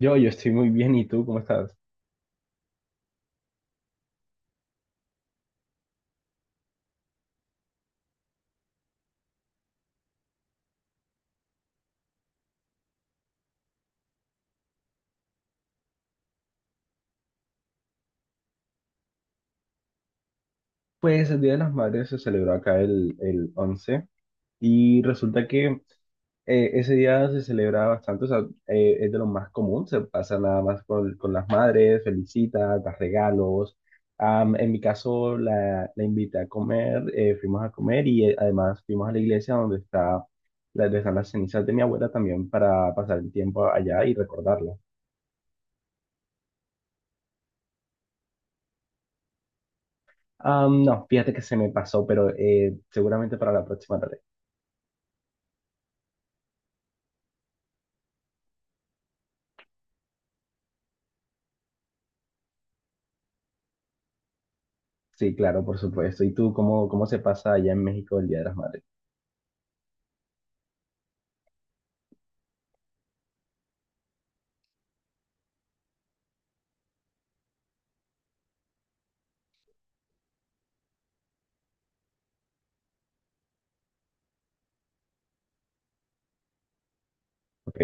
Yo estoy muy bien, ¿y tú cómo estás? Pues el Día de las Madres se celebró acá el 11 y resulta que ese día se celebra bastante, o sea, es de lo más común, se pasa nada más con las madres, felicitas, das regalos. En mi caso la invité a comer, fuimos a comer y además fuimos a la iglesia donde está, donde están las cenizas de mi abuela también para pasar el tiempo allá y recordarla. No, fíjate que se me pasó, pero seguramente para la próxima. Sí, claro, por supuesto. ¿Y tú cómo, cómo se pasa allá en México el Día de las Madres? Ok.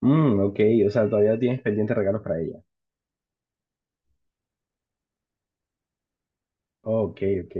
Mm, ok, o sea, todavía tienes pendientes regalos para ella. Ok, ok.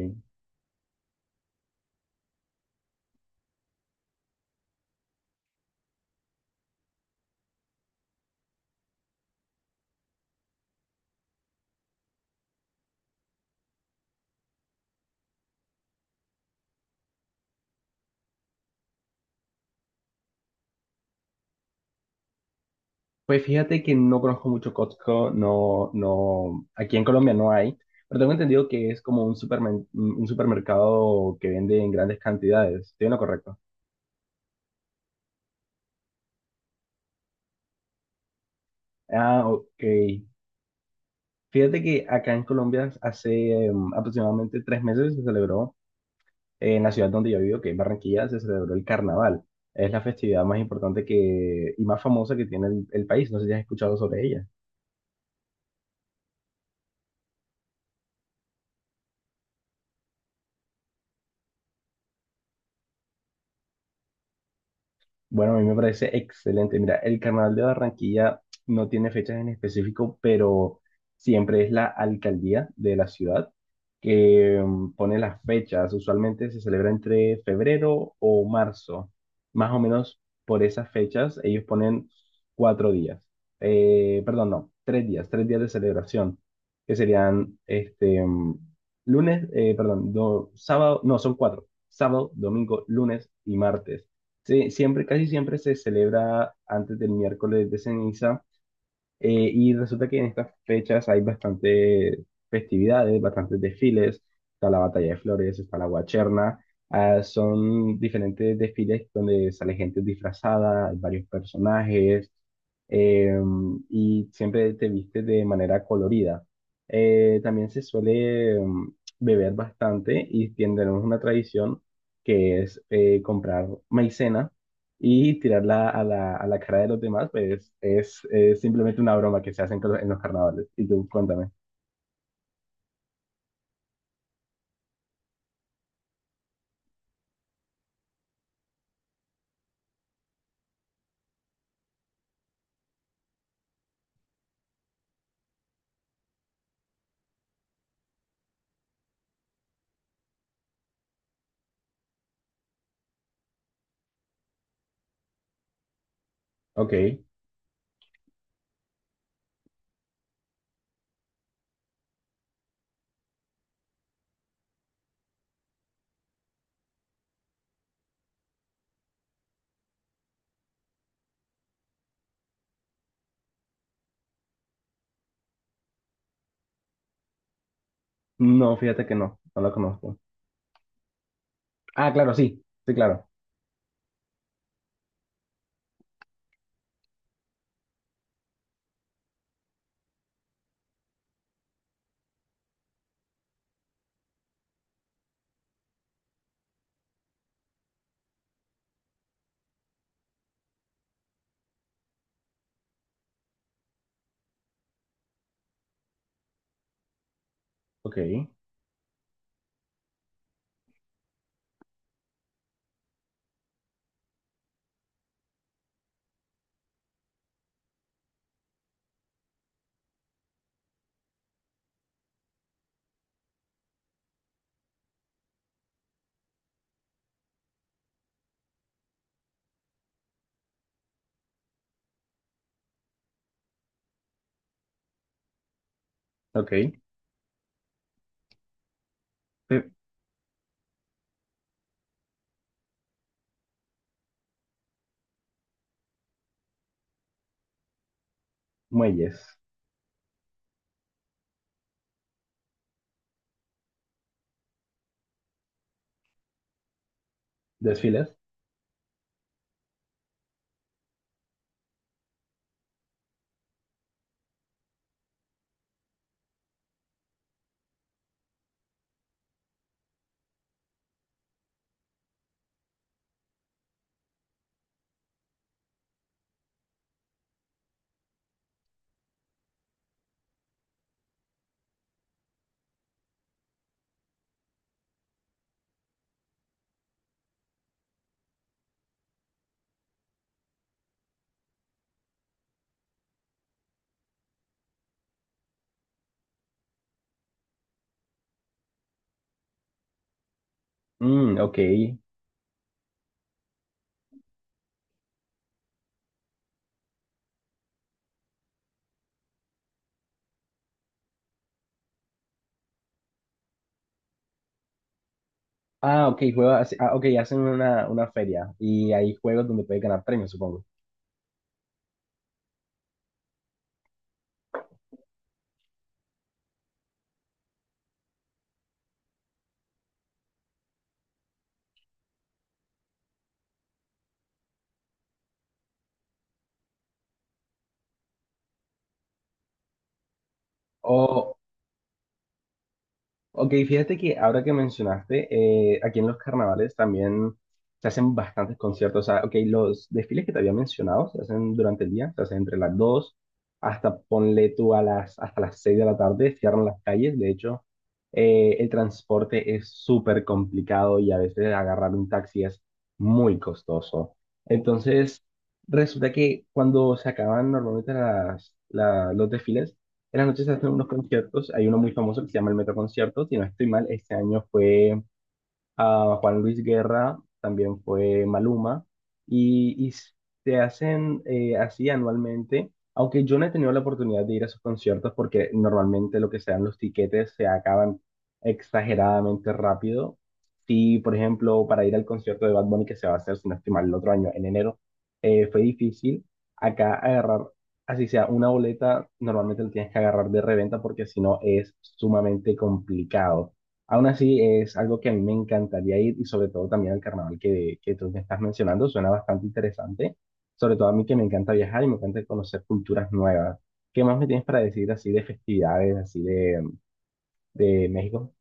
Pues fíjate que no conozco mucho Costco, no, no, aquí en Colombia no hay, pero tengo entendido que es como un un supermercado que vende en grandes cantidades. ¿Estoy en lo correcto? Ah, ok. Fíjate que acá en Colombia hace aproximadamente 3 meses se celebró en la ciudad donde yo vivo, que es Barranquilla, se celebró el carnaval. Es la festividad más importante que, y más famosa que tiene el país. No sé si has escuchado sobre ella. Bueno, a mí me parece excelente. Mira, el Carnaval de Barranquilla no tiene fechas en específico, pero siempre es la alcaldía de la ciudad que pone las fechas. Usualmente se celebra entre febrero o marzo. Más o menos por esas fechas ellos ponen 4 días. Perdón, no, 3 días, 3 días de celebración, que serían este lunes, perdón, sábado, no, son 4, sábado, domingo, lunes y martes. Sí, siempre, casi siempre se celebra antes del miércoles de ceniza y resulta que en estas fechas hay bastante festividades, bastantes desfiles, está la batalla de flores, está la guacherna, ah, son diferentes desfiles donde sale gente disfrazada, hay varios personajes eh, y siempre te vistes de manera colorida. También se suele beber bastante y tenemos una tradición que es comprar maicena y tirarla a a la cara de los demás, pues es simplemente una broma que se hacen con en los carnavales. Y tú, cuéntame. Ok. No, fíjate que no, no la conozco. Ah, claro, sí, sí, claro. Ok, ok. Muelles, desfiles. Mm, ok. Ah, ok, juega, ah, sí, ah, ok, hacen una feria y hay juegos donde puedes ganar premios, supongo. O, ok, fíjate que ahora que mencionaste, aquí en los carnavales también se hacen bastantes conciertos. O sea, ok, los desfiles que te había mencionado se hacen durante el día, se hacen entre las 2 hasta ponle tú a las, hasta las 6 de la tarde, cierran las calles. De hecho, el transporte es súper complicado y a veces agarrar un taxi es muy costoso. Entonces, resulta que cuando se acaban normalmente las, los desfiles, en las noches se hacen unos conciertos, hay uno muy famoso que se llama el Metro Concierto, si no estoy mal, este año fue a Juan Luis Guerra, también fue Maluma, y se hacen así anualmente, aunque yo no he tenido la oportunidad de ir a esos conciertos porque normalmente lo que se dan los tiquetes se acaban exageradamente rápido. Sí, por ejemplo, para ir al concierto de Bad Bunny que se va a hacer, si no estoy mal, el otro año, en enero, fue difícil acá agarrar, así sea, una boleta, normalmente la tienes que agarrar de reventa porque si no es sumamente complicado. Aún así, es algo que a mí me encantaría ir y sobre todo también al carnaval que tú me estás mencionando, suena bastante interesante, sobre todo a mí que me encanta viajar y me encanta conocer culturas nuevas. ¿Qué más me tienes para decir así de festividades, así de México?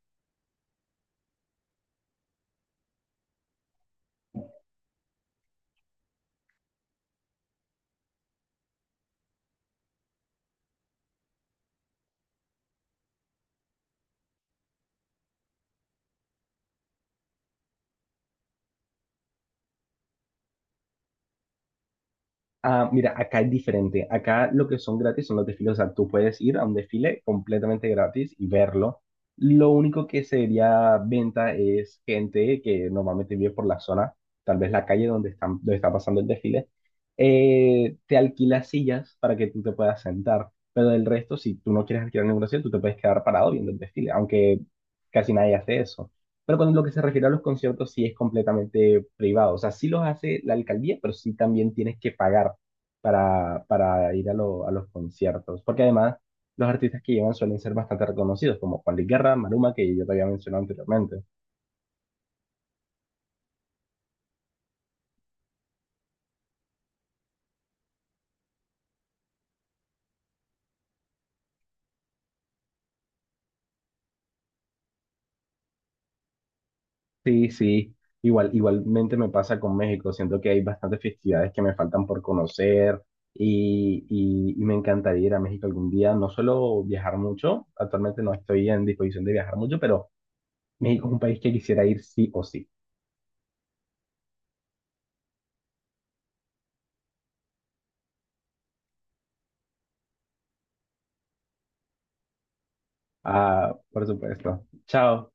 Ah, mira, acá es diferente. Acá lo que son gratis son los desfiles. O sea, tú puedes ir a un desfile completamente gratis y verlo. Lo único que sería venta es gente que normalmente vive por la zona, tal vez la calle donde están, donde está pasando el desfile. Eh, te alquila sillas para que tú te puedas sentar. Pero del resto, si tú no quieres alquilar ninguna silla, tú te puedes quedar parado viendo el desfile, aunque casi nadie hace eso. Pero con lo que se refiere a los conciertos, sí es completamente privado. O sea, sí los hace la alcaldía, pero sí también tienes que pagar para ir a, a los conciertos. Porque además, los artistas que llevan suelen ser bastante reconocidos, como Juan Luis Guerra, Maluma, que yo te había mencionado anteriormente. Sí, sí. Igual, igualmente me pasa con México. Siento que hay bastantes festividades que me faltan por conocer y me encantaría ir a México algún día. No solo viajar mucho, actualmente no estoy en disposición de viajar mucho, pero México es un país que quisiera ir sí o sí. Ah, por supuesto. Chao.